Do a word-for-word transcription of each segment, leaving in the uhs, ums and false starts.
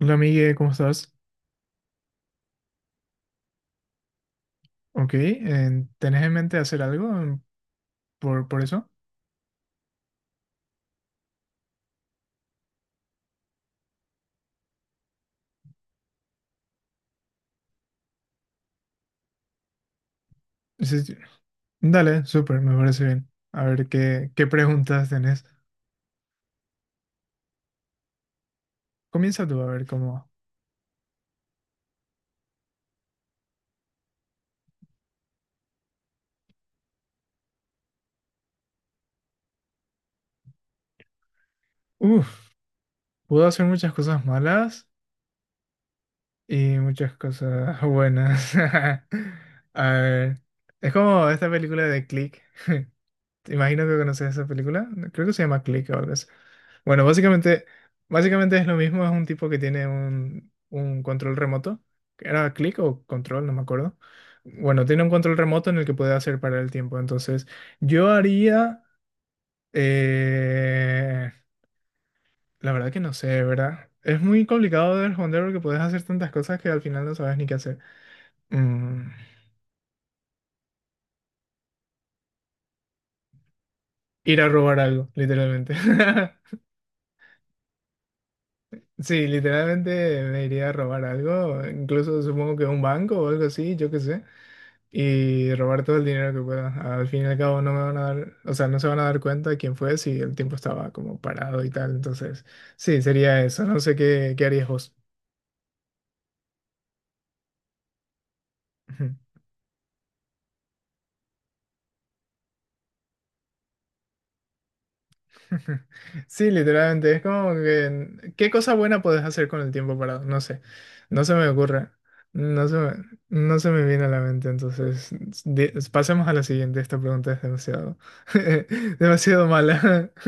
Hola, Migue, ¿cómo estás? Ok, eh, ¿tenés en mente hacer algo en- por, por eso? Sí, sí. Dale, súper, me parece bien. A ver qué, qué preguntas tenés. Comienza tú a ver cómo. Uf, puedo hacer muchas cosas malas y muchas cosas buenas. A ver, es como esta película de Click. Te imagino que conoces esa película. Creo que se llama Click o algo así. Bueno, básicamente, básicamente es lo mismo. Es un tipo que tiene un, un control remoto. ¿Era Click o control? No me acuerdo. Bueno, tiene un control remoto en el que puede hacer parar el tiempo. Entonces, yo haría... eh, la verdad que no sé, ¿verdad? Es muy complicado de responder porque puedes hacer tantas cosas que al final no sabes ni qué hacer. Mm, ir a robar algo, literalmente. Sí, literalmente me iría a robar algo, incluso supongo que un banco o algo así, yo qué sé, y robar todo el dinero que pueda. Al fin y al cabo no me van a dar, o sea, no se van a dar cuenta de quién fue si el tiempo estaba como parado y tal. Entonces, sí, sería eso. No sé qué, qué harías vos. Sí, literalmente, es como que, ¿qué cosa buena puedes hacer con el tiempo parado? No sé, no se me ocurre, no se me, no se me viene a la mente, entonces di- pasemos a la siguiente, esta pregunta es demasiado, demasiado mala.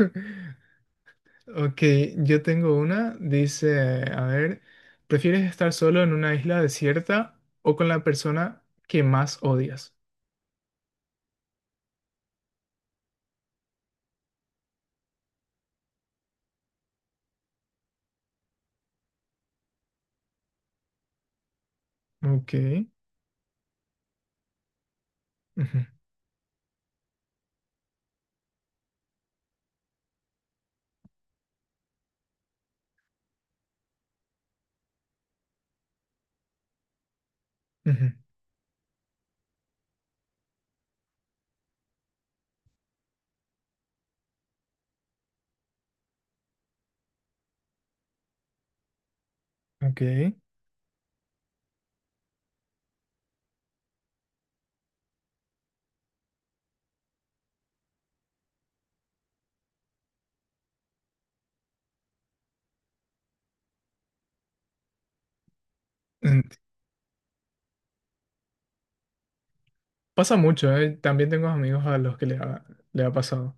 Ok, yo tengo una, dice, a ver, ¿prefieres estar solo en una isla desierta o con la persona que más odias? Ok, ujú, ujú, ok. Pasa mucho, ¿eh? También tengo amigos a los que le ha, le ha pasado.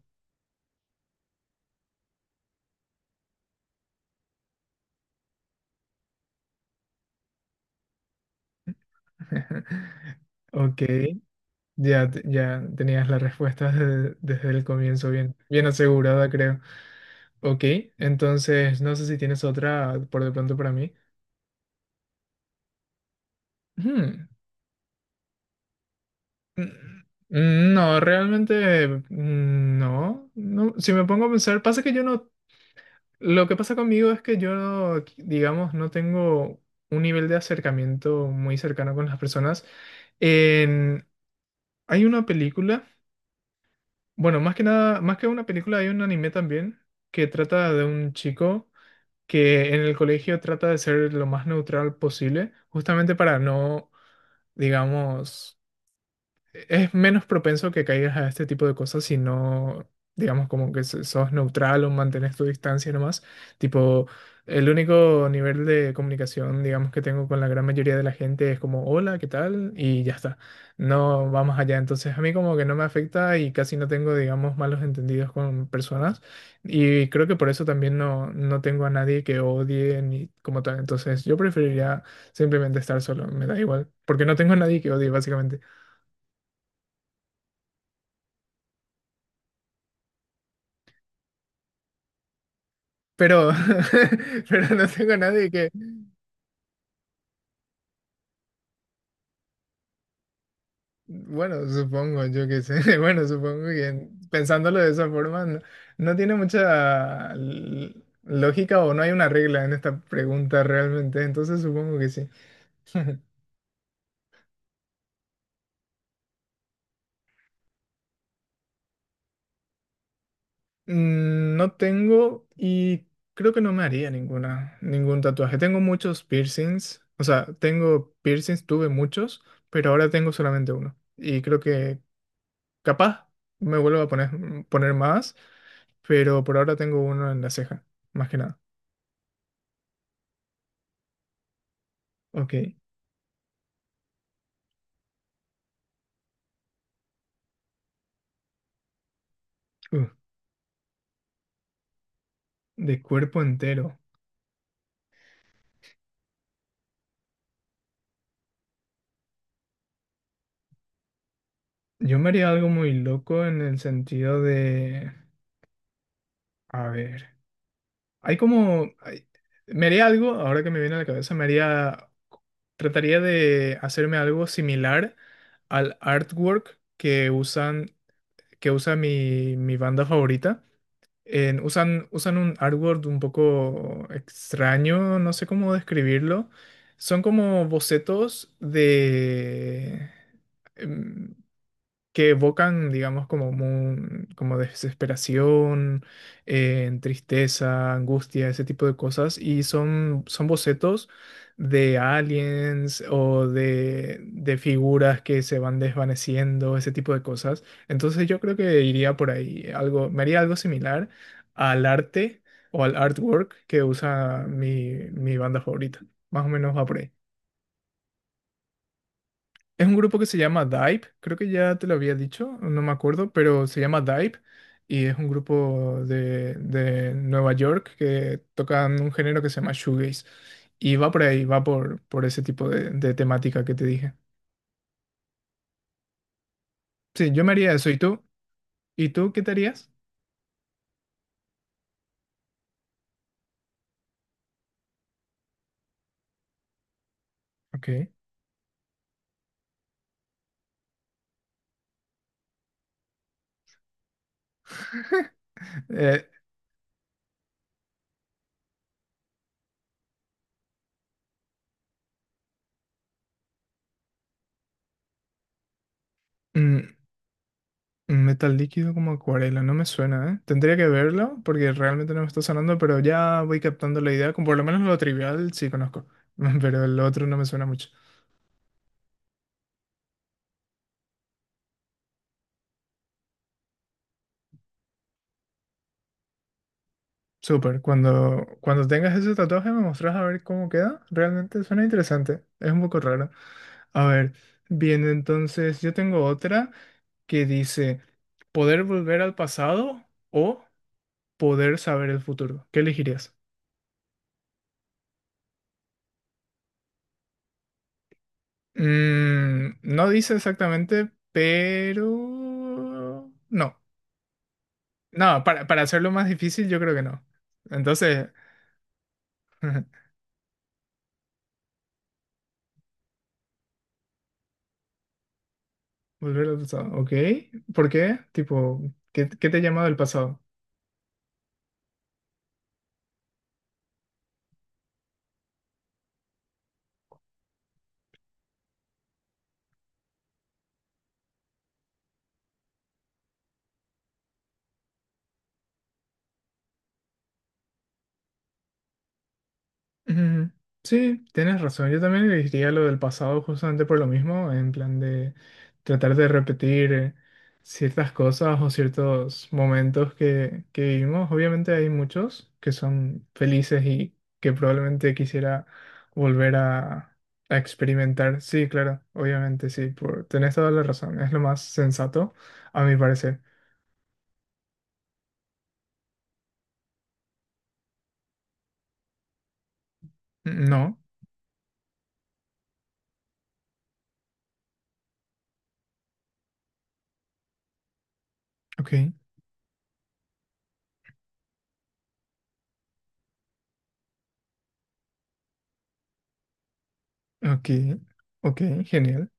Ok, ya, te- ya tenías la respuesta desde, desde el comienzo bien, bien asegurada, creo. Ok, entonces no sé si tienes otra por de pronto para mí. Hmm, mm, no, realmente mm, no, no. Si me pongo a pensar, pasa que yo no, lo que pasa conmigo es que yo, no, digamos, no tengo un nivel de acercamiento muy cercano con las personas. En- hay una película, bueno, más que nada, más que una película, hay un anime también que trata de un chico que en el colegio trata de ser lo más neutral posible, justamente para no, digamos, es menos propenso que caigas a este tipo de cosas si no, digamos, como que so- sos neutral o mantienes tu distancia nomás. Tipo, el único nivel de comunicación, digamos, que tengo con la gran mayoría de la gente es como, hola, ¿qué tal? Y ya está. No vamos allá. Entonces, a mí como que no me afecta y casi no tengo, digamos, malos entendidos con personas. Y creo que por eso también no, no tengo a nadie que odie ni como tal. Entonces, yo preferiría simplemente estar solo. Me da igual. Porque no tengo a nadie que odie, básicamente. Pero, pero no tengo a nadie que, bueno, supongo, yo qué sé, bueno, supongo que pensándolo de esa forma, no, no tiene mucha l- lógica o no hay una regla en esta pregunta realmente, entonces supongo que sí. Mm, no tengo y creo que no me haría ninguna, ningún tatuaje. Tengo muchos piercings, o sea, tengo piercings, tuve muchos, pero ahora tengo solamente uno. Y creo que capaz me vuelvo a poner, poner más, pero por ahora tengo uno en la ceja, más que nada. Ok. Uh, de cuerpo entero. Yo me haría algo muy loco en el sentido de... A ver. Hay como... hay- me haría algo, ahora que me viene a la cabeza, me haría... Trataría de hacerme algo similar al artwork que usan, que usa mi, mi banda favorita. eh, usan, usan un artwork un poco extraño, no sé cómo describirlo. Son como bocetos de... em, que evocan, digamos, como, mu- como desesperación, eh, tristeza, angustia, ese tipo de cosas, y son, son bocetos de aliens o de, de figuras que se van desvaneciendo, ese tipo de cosas. Entonces yo creo que iría por ahí, algo, me haría algo similar al arte o al artwork que usa mi, mi banda favorita. Más o menos va por ahí. Es un grupo que se llama Dive, creo que ya te lo había dicho, no me acuerdo, pero se llama Dive y es un grupo de, de Nueva York que tocan un género que se llama shoegaze y va por ahí, va por, por ese tipo de, de temática que te dije. Sí, yo me haría eso. ¿Y tú? ¿Y tú qué te harías? Ok. Eh, mm, metal líquido como acuarela, no me suena, ¿eh? Tendría que verlo porque realmente no me está sonando, pero ya voy captando la idea, como por lo menos lo trivial sí conozco, pero el otro no me suena mucho. Súper, cuando, cuando tengas ese tatuaje me mostrás a ver cómo queda. Realmente suena interesante, es un poco raro. A ver, bien, entonces yo tengo otra que dice, ¿poder volver al pasado o poder saber el futuro? ¿Qué elegirías? Mm, no dice exactamente, pero... No, no, para, para hacerlo más difícil yo creo que no. Entonces, volver al pasado, ¿ok? ¿Por qué? Tipo, ¿qué, ¿qué te llama del pasado? Ujú. Sí, tienes razón. Yo también elegiría lo del pasado justamente por lo mismo, en plan de tratar de repetir ciertas cosas o ciertos momentos que, que vivimos. Obviamente hay muchos que son felices y que probablemente quisiera volver a, a experimentar. Sí, claro, obviamente sí, por, tenés toda la razón. Es lo más sensato, a mi parecer. No, ok, ok, ok, genial.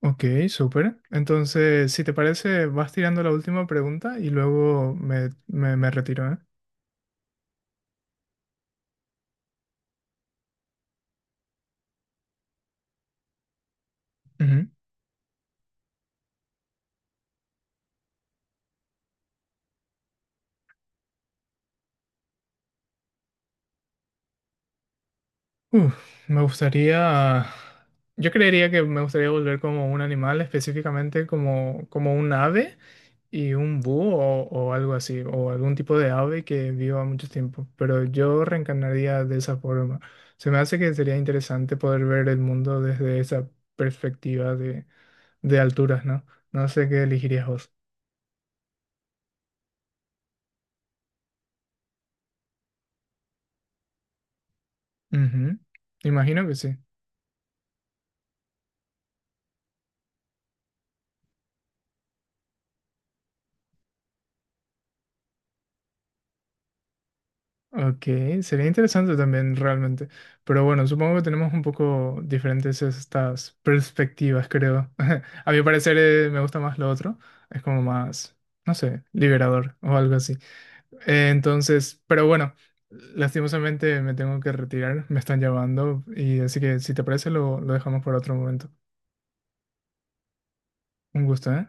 Ok, súper. Entonces, si te parece, vas tirando la última pregunta y luego me, me- me retiro, ¿eh? Ujú. Uf, me gustaría... Yo creería que me gustaría volver como un animal, específicamente como, como un ave y un búho o, o algo así, o algún tipo de ave que viva mucho tiempo, pero yo reencarnaría de esa forma. Se me hace que sería interesante poder ver el mundo desde esa perspectiva de, de alturas, ¿no? No sé qué elegirías vos. Ujú, imagino que sí. Ok, sería interesante también realmente. Pero bueno, supongo que tenemos un poco diferentes estas perspectivas, creo. A mi parecer eh, me gusta más lo otro. Es como más, no sé, liberador o algo así. Eh, entonces, pero bueno, lastimosamente me tengo que retirar. Me están llamando y así que si te parece lo, lo dejamos para otro momento. Un gusto, ¿eh?